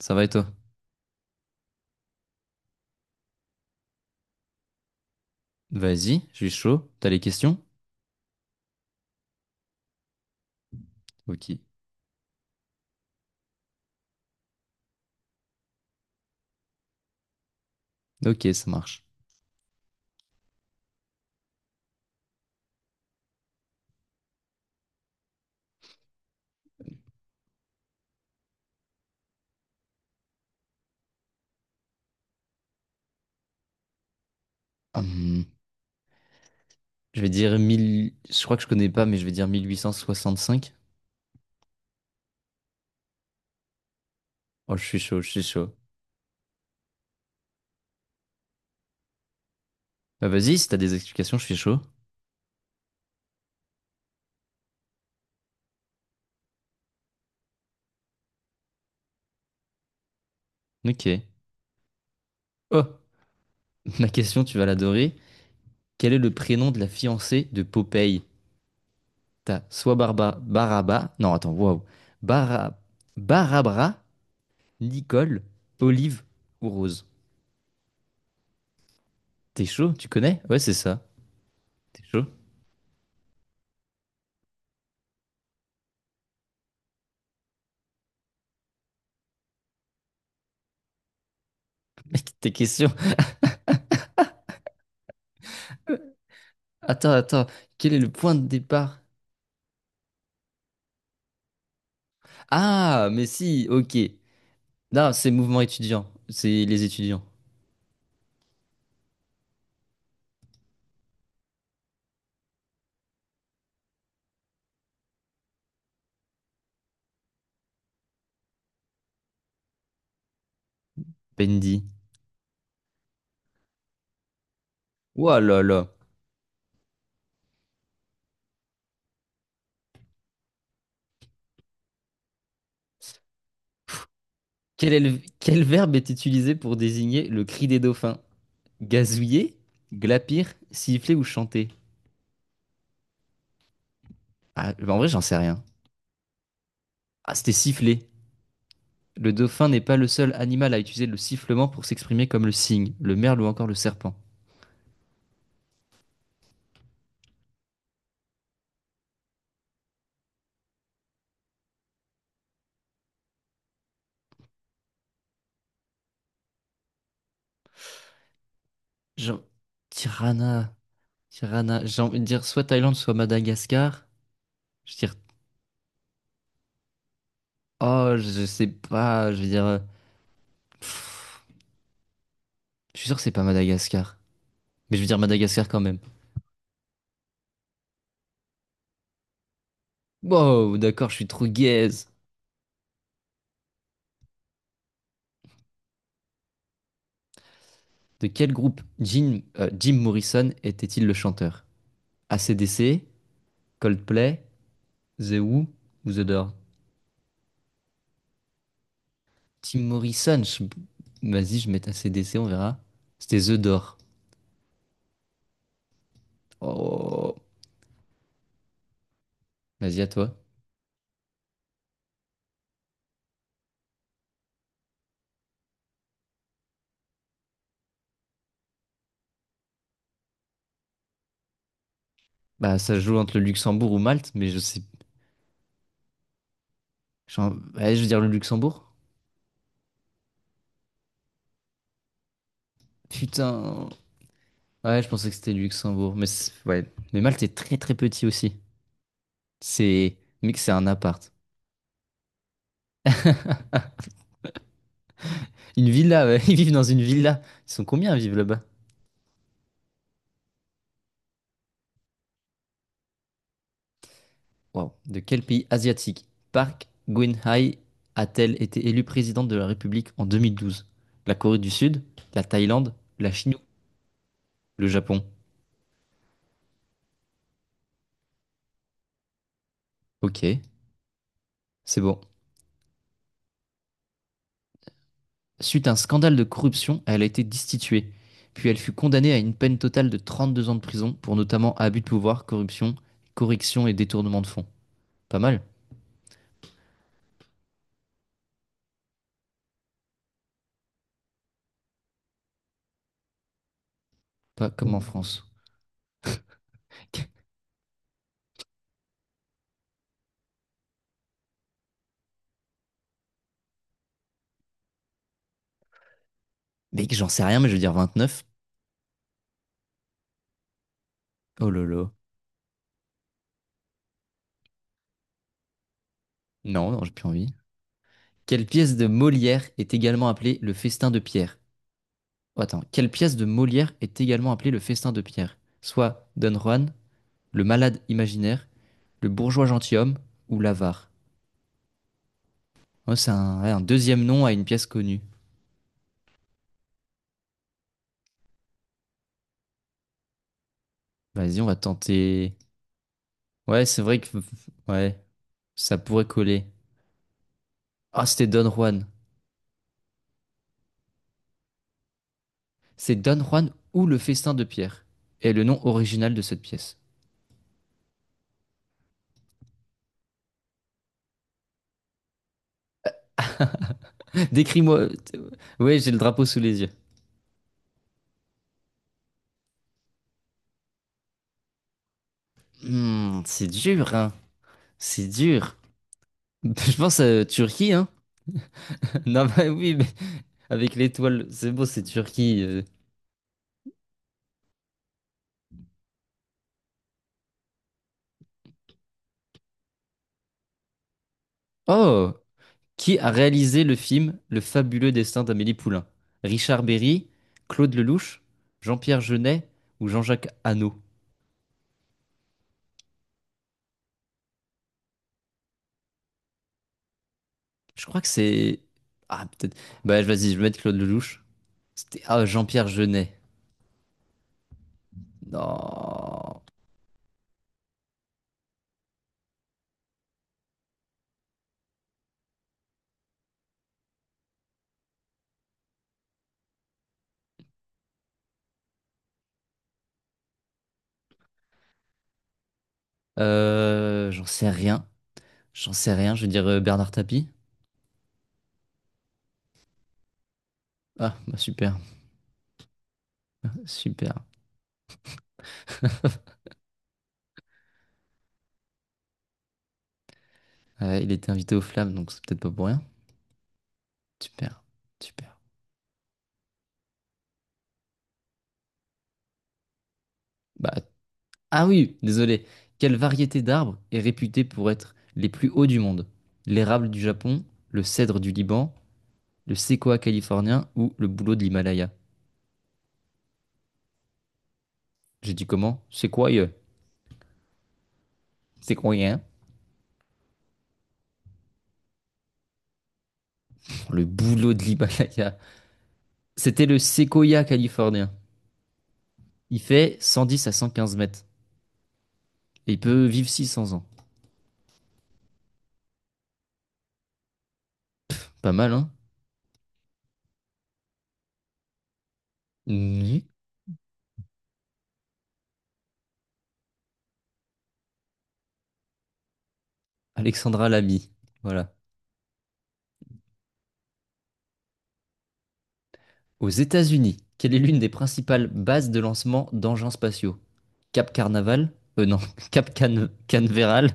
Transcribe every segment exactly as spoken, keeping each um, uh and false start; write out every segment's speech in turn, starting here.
Ça va et toi? Vas-y, je suis chaud. T'as les questions? Ok. Ok, ça marche. Hum, je vais dire mille. Je crois que je connais pas, mais je vais dire mille huit cent soixante-cinq. Oh, je suis chaud, je suis chaud. Bah vas-y, si t'as des explications, je suis chaud. Ok. Oh, ma question, tu vas l'adorer. Quel est le prénom de la fiancée de Popeye? T'as soit Barba... Baraba... Non, attends, waouh. Bara... Barabra, Nicole, Olive ou Rose. T'es chaud, tu connais? Ouais, c'est ça. T'es chaud? Mec, tes questions... Attends, attends, quel est le point de départ? Ah, mais si, ok. Non, c'est mouvement étudiant. C'est les étudiants. Bendy. Ouah là là. Quel est le- quel verbe est utilisé pour désigner le cri des dauphins? Gazouiller, glapir, siffler ou chanter? Ah, bah en vrai, j'en sais rien. Ah, c'était siffler. Le dauphin n'est pas le seul animal à utiliser le sifflement pour s'exprimer comme le cygne, le merle ou encore le serpent. Jean... Tirana. Tirana. J'ai envie de dire soit Thaïlande, soit Madagascar. Je dis, oh, je sais pas, je veux dire, euh, pff, je suis sûr que c'est pas Madagascar. Mais je veux dire Madagascar quand même. Wow, d'accord, je suis trop gaze. De quel groupe Jim, euh, Jim Morrison était-il le chanteur? A C/D C, Coldplay, The Who ou The Door? Jim Morrison, je- Vas-y, je mets A C/D C, on verra. C'était The Door. Oh, vas-y, à toi. Bah, ça se joue entre le Luxembourg ou Malte, mais je sais. Genre, ouais, je veux dire le Luxembourg. Putain. Ouais, je pensais que c'était le Luxembourg, mais c'est- ouais. Mais Malte est très très petit aussi. C'est, mec, c'est un appart. Une villa, ouais. Ils vivent dans une villa. Ils sont combien à vivre là-bas? Waouh. De quel pays asiatique Park Geun-hye a-t-elle été élue présidente de la République en deux mille douze? La Corée du Sud, la Thaïlande, la Chine ou le Japon. Ok, c'est bon. Suite à un scandale de corruption, elle a été destituée. Puis elle fut condamnée à une peine totale de trente-deux ans de prison pour notamment abus de pouvoir, corruption, correction et détournement de fonds. Pas mal? Pas comme en France. Mec, j'en sais rien, mais je veux dire vingt-neuf. Oh lolo. Non, non, j'ai plus envie. Quelle pièce de Molière est également appelée le festin de Pierre? Oh, attends, quelle pièce de Molière est également appelée le festin de Pierre? Soit Don Juan, le malade imaginaire, le bourgeois gentilhomme ou l'avare. Oh, c'est un, ouais, un deuxième nom à une pièce connue. Vas-y, on va tenter. Ouais, c'est vrai que ouais, ça pourrait coller. Ah, c'était Don Juan. C'est Don Juan ou le festin de Pierre. Et le nom original de cette pièce. Décris-moi. Ouais, j'ai le drapeau sous les yeux. Hmm, c'est dur, hein. C'est dur. Je pense à Turquie, hein. Non, bah oui, mais avec l'étoile, c'est beau, c'est Turquie. euh. Oh! Qui a réalisé le film Le fabuleux destin d'Amélie Poulain? Richard Berry, Claude Lelouch, Jean-Pierre Jeunet ou Jean-Jacques Hano? Je crois que c'est... Ah, peut-être... Bah, vas-y, je vais mettre Claude Lelouch. C'était... Ah, Jean-Pierre Jeunet. Non. Euh, j'en sais rien. J'en sais rien, je vais dire euh, Bernard Tapie. Ah, bah super, super. Euh, il était invité aux Flammes, donc c'est peut-être pas pour rien. Super, super. Bah, Ah oui, désolé. Quelle variété d'arbres est réputée pour être les plus hauts du monde? L'érable du Japon, le cèdre du Liban, le séquoia californien ou le bouleau de l'Himalaya? J'ai dit comment? Séquoia. Séquoia, hein. Le bouleau de l'Himalaya. C'était le séquoia californien. Il fait cent dix à cent quinze mètres. Et il peut vivre six cents ans. Pas mal, hein? Mhm. Alexandra Lamy. Voilà. Aux États-Unis, quelle est l'une des principales bases de lancement d'engins spatiaux? Cap Carnaval, euh non, Cap Can Canaveral,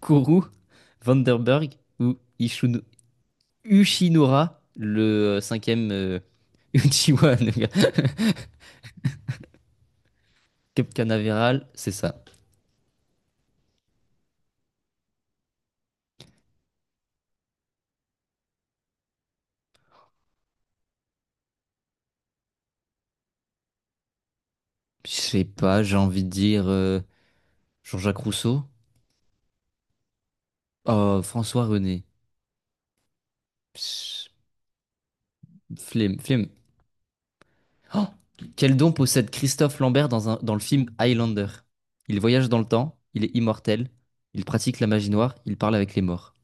Kourou, Vandenberg ou Ishunu- Uchinura, le euh, cinquième euh, Uchiwa. Le gars. Cap Canaveral, c'est ça. Je sais pas, j'ai envie de dire euh, Jean-Jacques Rousseau. Oh, François René. Pss, flemme, flemme. Oh, quel don possède Christophe Lambert dans, un- dans le film Highlander? Il voyage dans le temps, il est immortel, il pratique la magie noire, il parle avec les morts.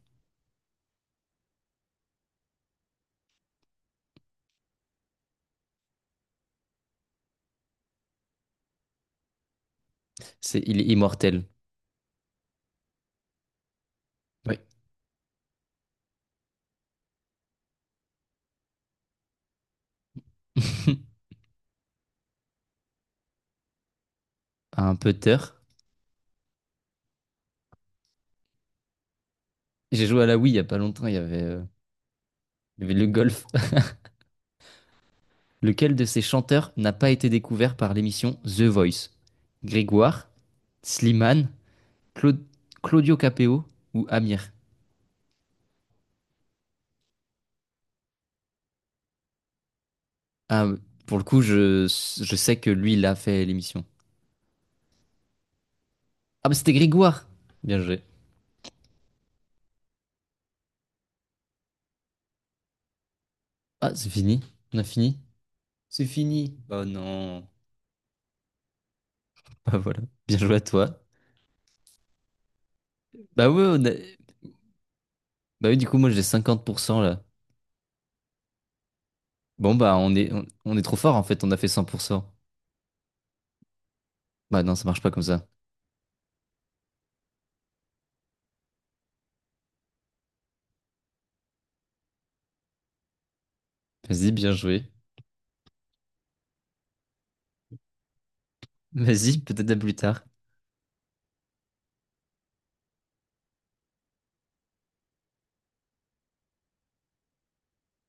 C'est, il est immortel. Oui. Un putter. J'ai joué à la Wii il y a pas longtemps, il y avait, euh, il y avait le golf. Lequel de ces chanteurs n'a pas été découvert par l'émission The Voice? Grégoire, Slimane, Clau- Claudio Capeo ou Amir? Ah, pour le coup, je, je sais que lui, il a fait l'émission. Ah, mais c'était Grégoire! Bien joué. Ah, c'est fini. On a fini. C'est fini. Oh non. Bah voilà. Bien joué à toi. Bah ouais, on a- Bah oui, du coup, moi j'ai cinquante pour cent là. Bon bah on est on, on est trop fort en fait, on a fait cent pour cent. Bah non, ça marche pas comme ça. Vas-y, bien joué. Vas-y, peut-être à plus tard.